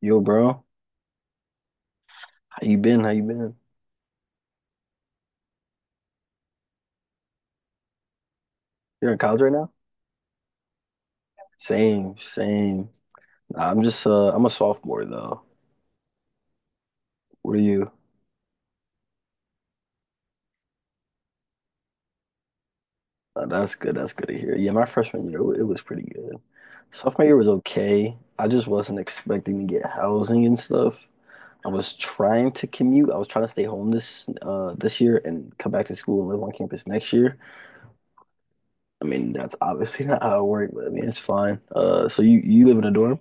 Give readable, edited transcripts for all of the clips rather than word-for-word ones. Yo, bro, how you been? How you been? You're in college right now? Same, same. Nah, I'm a sophomore though. What are you? That's good. That's good to hear. Yeah, my freshman year it was pretty good. Sophomore year was okay. I just wasn't expecting to get housing and stuff. I was trying to commute. I was trying to stay home this year and come back to school and live on campus next year. I mean, that's obviously not how it worked, but I mean, it's fine. So you live in a dorm?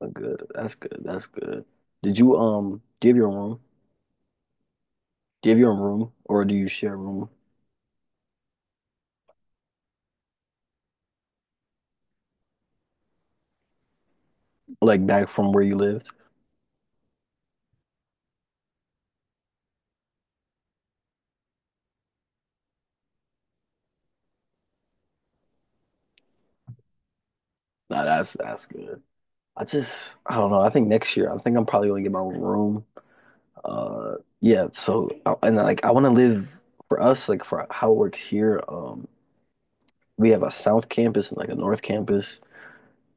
Oh, good. That's good. That's good. Did you um? Do you have your own room? Do you have your own room or do you share a room like back from where you lived? Nah, that's good. I just I don't know. I think next year I think I'm probably gonna get my own room. Uh, yeah. So and like I want to live for us like for how it works here. We have a south campus and like a north campus,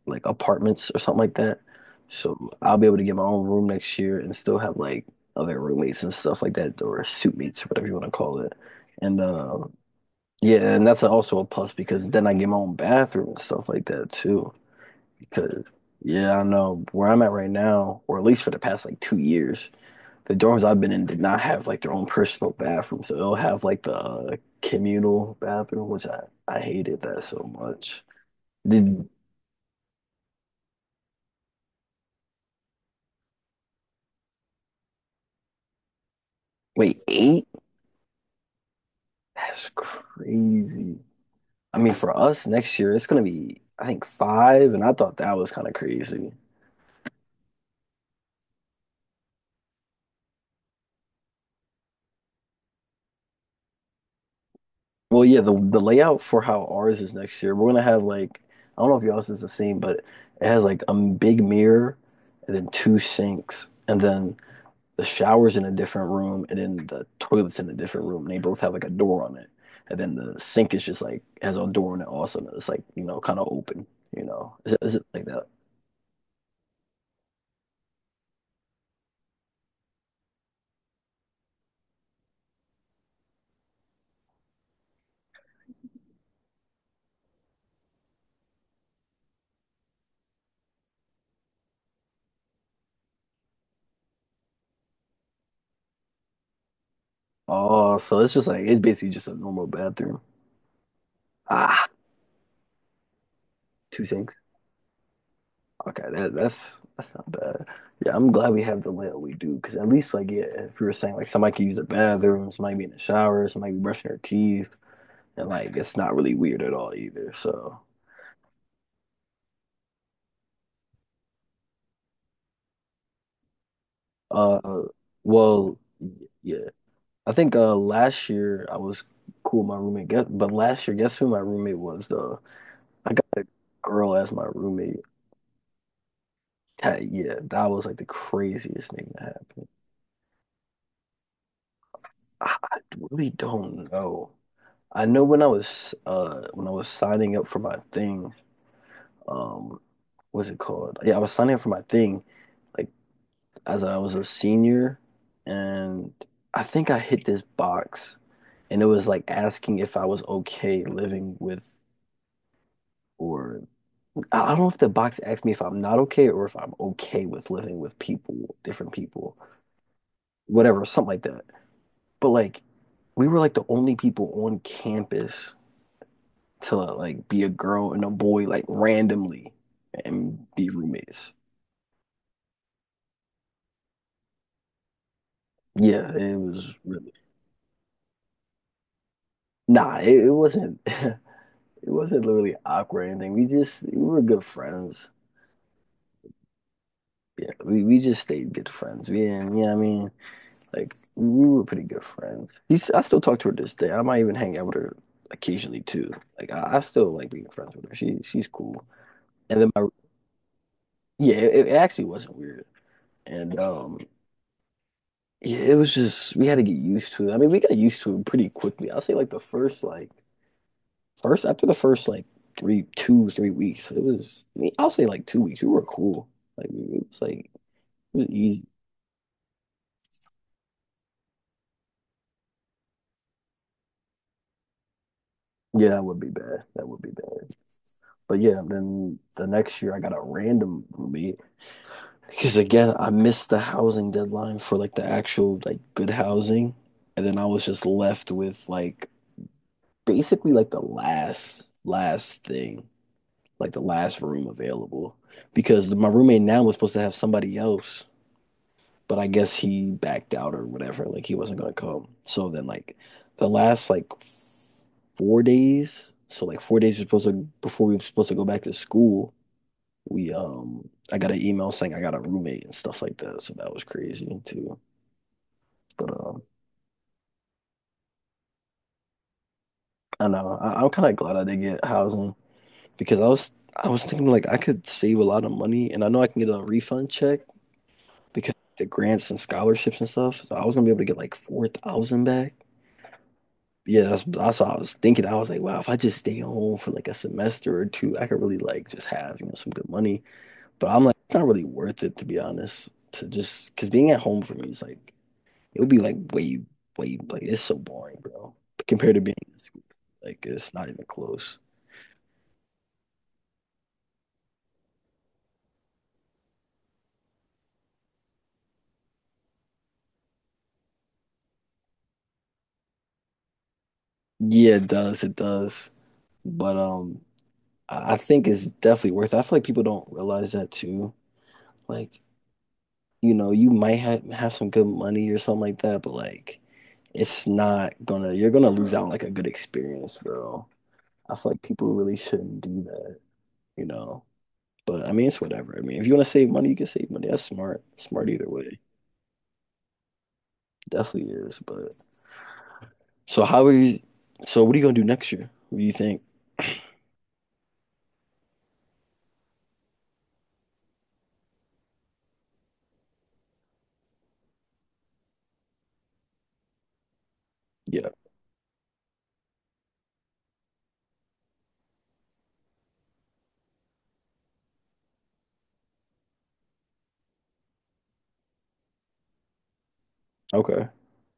like apartments or something like that. So I'll be able to get my own room next year and still have like other roommates and stuff like that or suite mates or whatever you want to call it. And yeah, and that's also a plus because then I get my own bathroom and stuff like that too. Because yeah, I know where I'm at right now, or at least for the past like 2 years, the dorms I've been in did not have like their own personal bathroom, so they'll have like the communal bathroom, which I hated that so much. Did Wait, eight? That's crazy. I mean, for us next year, it's gonna be I think five, and I thought that was kind of crazy. Well, yeah, the layout for how ours is next year, we're gonna have like I don't know if y'all's is the same, but it has like a big mirror and then two sinks and then the shower's in a different room and then the toilet's in a different room and they both have like a door on it. And then the sink is just like has a door on it also and it's like, kinda open. Is it like that? Oh, so it's just like it's basically just a normal bathroom. Ah, two sinks. Okay, that's not bad. Yeah, I'm glad we have the layout we do, because at least like yeah, if you were saying like somebody could use the bathroom, somebody be in the shower, somebody be brushing their teeth, and like it's not really weird at all either. So, uh, well, yeah, I think last year I was cool with my roommate, guess, but last year guess who my roommate was though? I got a girl as my roommate. That, yeah, that was like the craziest thing that happened. I really don't know. I know when I was signing up for my thing, um, what's it called? Yeah, I was signing up for my thing, like as I was a senior, and I think I hit this box, and it was like asking if I was okay living with, or I don't know if the box asked me if I'm not okay or if I'm okay with living with people, different people, whatever, something like that. But like we were like the only people on campus to like be a girl and a boy like randomly and be roommates. Yeah, it was really nah. It wasn't. It wasn't literally awkward or anything. We were good friends. Yeah, we just stayed good friends. We didn't, you know what I mean? Like, we were pretty good friends. She's, I still talk to her this day. I might even hang out with her occasionally too. Like, I still like being friends with her. She's cool. And then yeah, it actually wasn't weird. And yeah, it was just we had to get used to it. I mean, we got used to it pretty quickly. I'll say like the first like first after the first like 3 2 3 weeks, it was I mean, I'll say like 2 weeks. We were cool. Like it was easy. Yeah, that would be bad. That would be bad. But yeah, then the next year I got a random roommate because again I missed the housing deadline for like the actual like good housing, and then I was just left with like basically like the last thing. Like the last room available because my roommate now was supposed to have somebody else, but I guess he backed out or whatever. Like he wasn't gonna come. So then like the last like 4 days, so like 4 days we're supposed to before we were supposed to go back to school, we I got an email saying I got a roommate and stuff like that. So that was crazy too. But I know I'm kind of glad I did get housing because I was thinking like I could save a lot of money and I know I can get a refund check because the grants and scholarships and stuff. So I was gonna be able to get like 4,000 back. Yeah, that's what I was thinking. I was like, wow, if I just stay home for like a semester or two, I could really like just have, you know, some good money. But I'm like, it's not really worth it to be honest. To just because being at home for me is like it would be like way, way like it's so boring, bro. Compared to being in school, like it's not even close. Yeah, it does, it does. But I think it's definitely worth it. I feel like people don't realize that too. Like you know, you might have some good money or something like that, but like it's not gonna you're gonna lose out on like a good experience, bro. I feel like people really shouldn't do that, you know. But I mean it's whatever. I mean, if you wanna save money, you can save money. That's smart. Smart either way. Definitely is. But so how are you so what are you gonna do next year? What do you think? Yeah. Okay.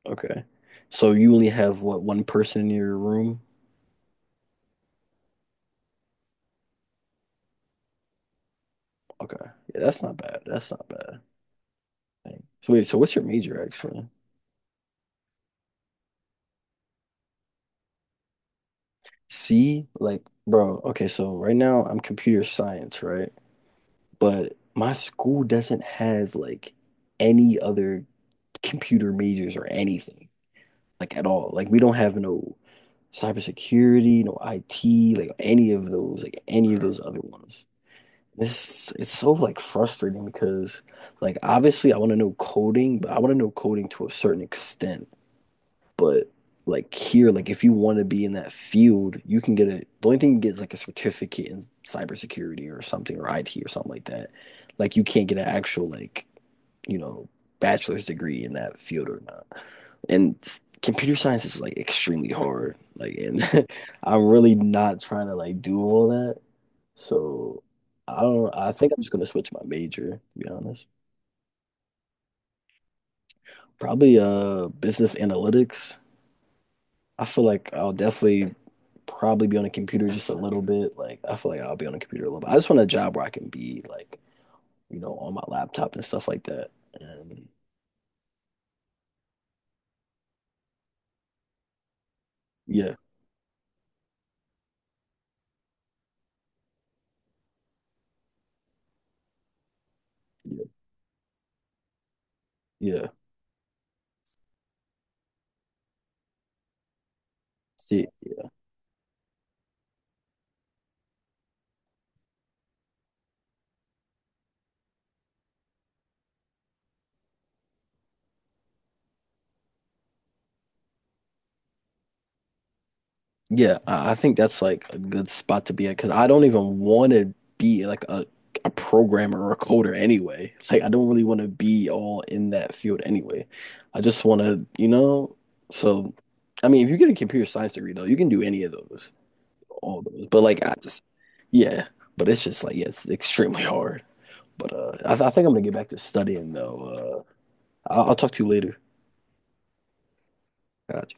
Okay. So you only have what one person in your room? Okay. Yeah, that's not bad. That's not bad. Dang. So wait, so what's your major actually? See, like, bro, okay, so right now I'm computer science, right? But my school doesn't have like any other computer majors or anything, like at all. Like we don't have no cybersecurity, no IT, like any of those other ones. This It's so like frustrating because like obviously I want to know coding, but I want to know coding to a certain extent. But like here, like if you want to be in that field, you can get a the only thing you get is like a certificate in cybersecurity or something or IT or something like that. Like you can't get an actual like, you know, bachelor's degree in that field or not. And computer science is like extremely hard. Like and I'm really not trying to like do all that. So I don't know. I think I'm just gonna switch my major, to be honest. Probably business analytics. I feel like I'll definitely probably be on a computer just a little bit. Like I feel like I'll be on a computer a little bit. I just want a job where I can be like, you know, on my laptop and stuff like that. And yeah, yeah, yeah. See, yeah, yeah. I think that's like a good spot to be at because I don't even want to be like a programmer or a coder anyway. Like I don't really want to be all in that field anyway. I just want to, you know. So, I mean, if you get a computer science degree though, you can do any of those. All those. But like I just yeah, but it's just like yeah, it's extremely hard. But I think I'm gonna get back to studying though. I'll talk to you later. Gotcha.